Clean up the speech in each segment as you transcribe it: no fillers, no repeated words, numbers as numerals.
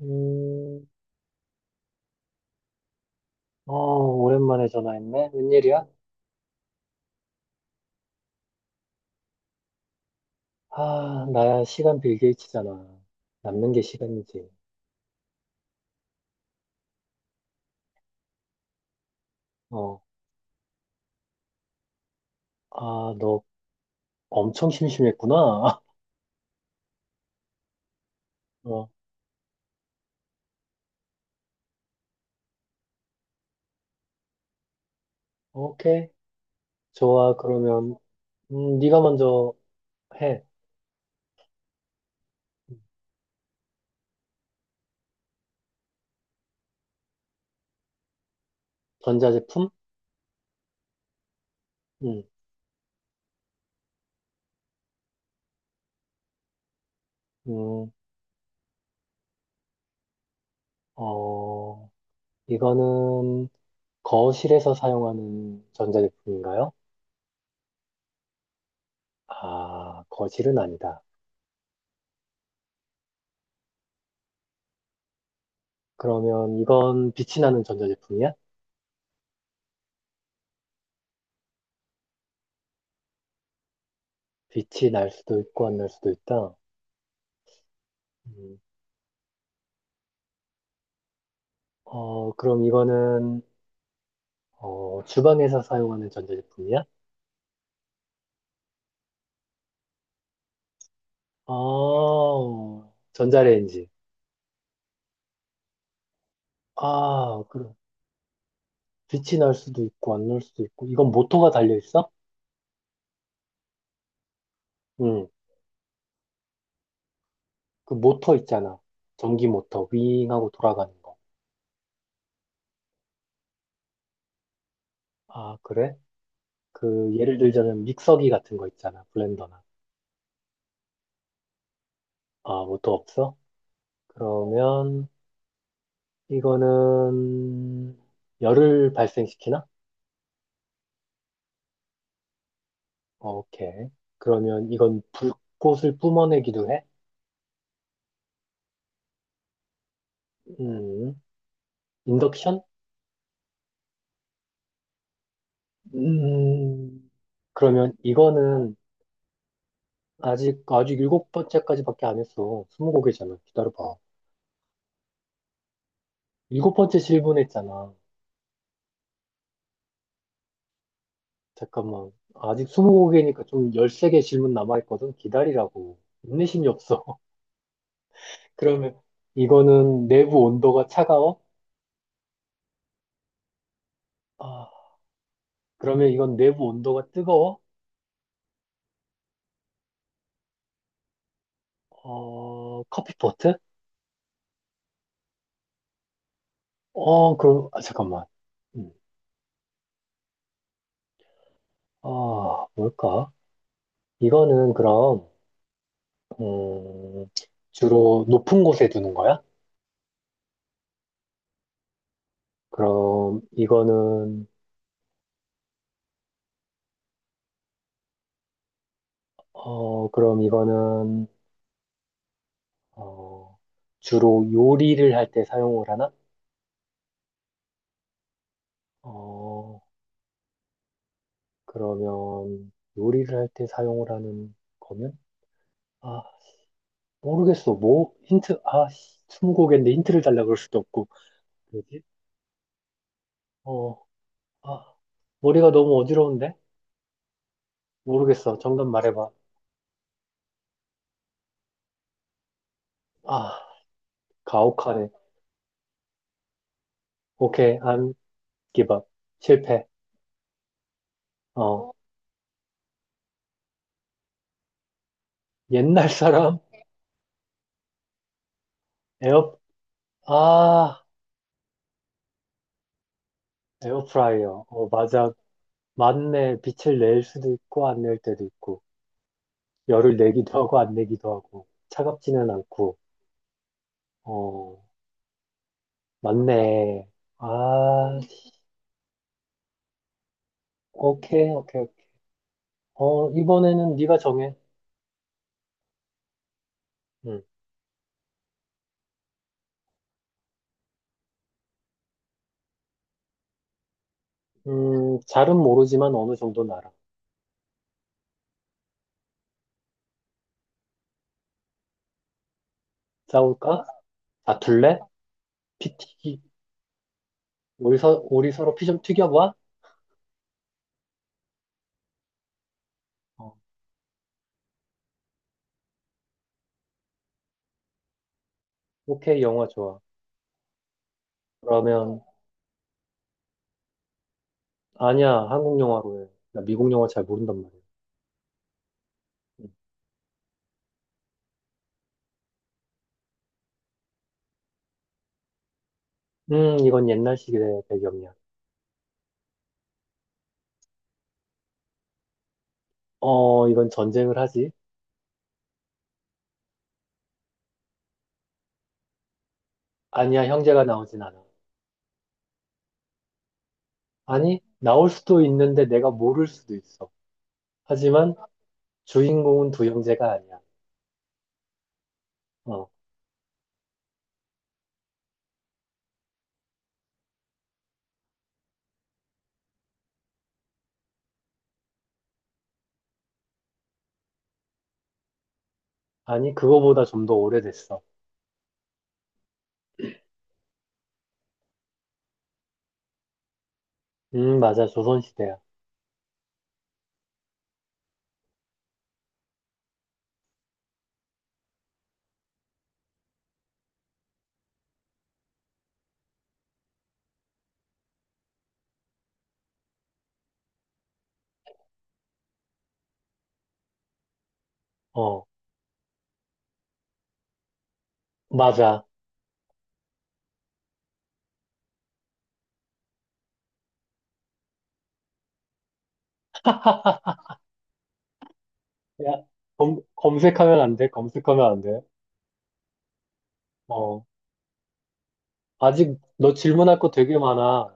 음, 어, 오랜만에 전화했네. 웬일이야? 아, 나야 시간 빌 게이츠잖아. 남는 게 시간이지. 어, 아, 너 엄청 심심했구나. 어, 오케이. 좋아. 그러면, 네가 먼저 해. 전자제품? 음, 음, 어, 이거는 거실에서 사용하는 전자제품인가요? 아, 거실은 아니다. 그러면 이건 빛이 나는 전자제품이야? 빛이 날 수도 있고 안 날 수도 있다. 음, 어, 그럼 이거는, 어, 주방에서 사용하는 전자제품이야? 아, 전자레인지. 아, 그럼. 빛이 날 수도 있고, 안 날 수도 있고. 이건 모터가 달려있어? 응. 그 모터 있잖아. 전기 모터, 윙 하고 돌아가는 거. 아, 그래? 그, 예를 들자면 믹서기 같은 거 있잖아. 블렌더나. 아, 모터 없어? 그러면, 이거는, 열을 발생시키나? 오케이. 그러면 이건 불꽃을 뿜어내기도 해? 음, 인덕션? 음, 그러면 이거는 아직 일곱 번째까지밖에 안 했어. 20곡이잖아. 기다려봐. 일곱 번째 질문했잖아. 잠깐만. 아직 20곡이니까 좀 13개 질문 남아있거든. 기다리라고. 인내심이 없어. 그러면 이거는 내부 온도가 차가워? 아, 그러면 이건 내부 온도가 뜨거워? 어, 커피포트? 어, 그럼, 아, 잠깐만. 음, 아, 뭘까? 이거는 그럼, 음, 주로 높은 곳에 두는 거야? 그럼 이거는, 어, 그럼 이거는, 어, 주로 요리를 할 때 사용을 하나? 어, 그러면 요리를 할 때 사용을 하는 거면? 아, 모르겠어. 뭐? 힌트, 아, 씨, 스무고개인데 힌트를 달라 그럴 수도 없고. 뭐지? 어, 아, 머리가 너무 어지러운데? 모르겠어. 정답 말해봐. 아, 가혹하네. 오케이, 안 give up. 실패. 어. 옛날 사람? 에어, 아, 에어프라이어. 어, 맞아. 맞네. 빛을 낼 수도 있고, 안 낼 때도 있고. 열을 내기도 하고, 안 내기도 하고. 차갑지는 않고. 어, 맞네. 아, 오케이, 오케이, 오케이. 어, 이번에는 네가 정해. 음, 잘은 모르지만 어느 정도 알아. 싸울까? 다툴래? 피 튀기. 우리 서로 피 좀 튀겨봐? 어, 오케이, 영화 좋아. 그러면, 아니야, 한국 영화로 해. 나 미국 영화 잘 모른단 말이야. 이건 옛날 시대 배경이야. 어, 이건 전쟁을 하지? 아니야, 형제가 나오진 않아. 아니, 나올 수도 있는데 내가 모를 수도 있어. 하지만 주인공은 두 형제가 아니야. 어, 아니, 그거보다 좀 더 오래됐어. 맞아, 조선시대야. 어, 맞아. 야, 검색하면 안 돼, 검색하면 안 돼. 어, 아직 너 질문할 거 되게 많아.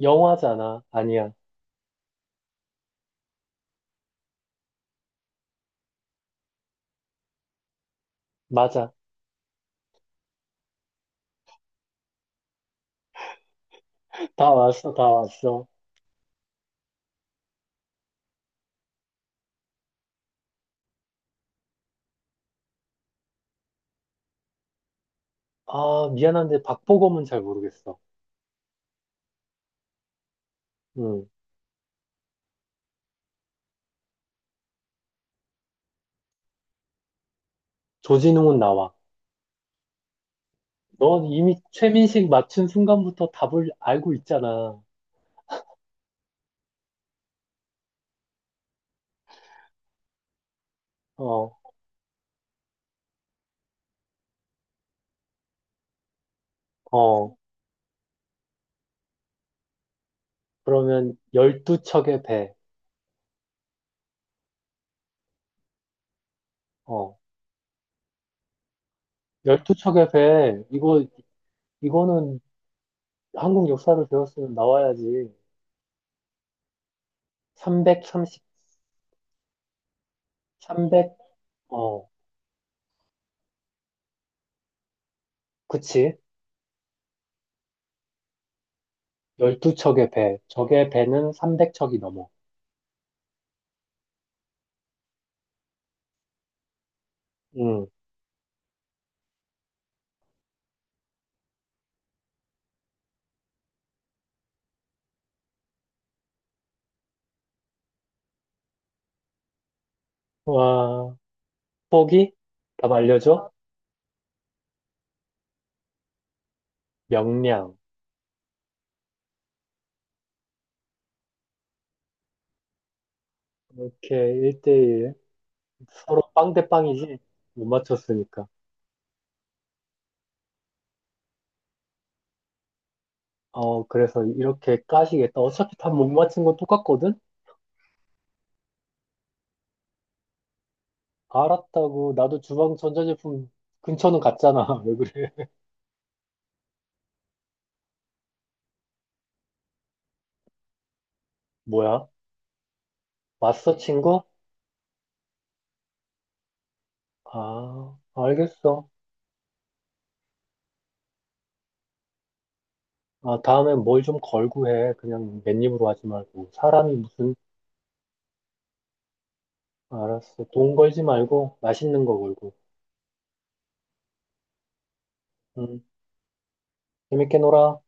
영화잖아. 아니야, 맞아. 다 왔어, 다 왔어. 아, 미안한데 박보검은 잘 모르겠어. 응. 조진웅은 나와. 넌 이미 최민식 맞춘 순간부터 답을 알고 있잖아. 어, 어. 그러면 12척의 배. 어. 12척의 배. 이거는 한국 역사를 배웠으면 나와야지. 삼백 삼십 삼백 어. 그치. 열두 척의 배. 적의 배는 300척이 넘어. 응. 와, 포기? 답 알려줘? 명량. 이렇게 1대1 서로 빵 대 빵이지. 못 맞췄으니까. 어, 그래서 이렇게 까시겠다. 어차피 다 못 맞힌 건 똑같거든? 알았다고. 나도 주방 전자제품 근처는 갔잖아. 왜 그래? 뭐야? 왔어, 친구? 아, 알겠어. 아, 다음엔 뭘 좀 걸고 해. 그냥 맨입으로 하지 말고. 사람이 무슨, 알았어. 돈 걸지 말고 맛있는 거 걸고. 응, 재밌게 놀아.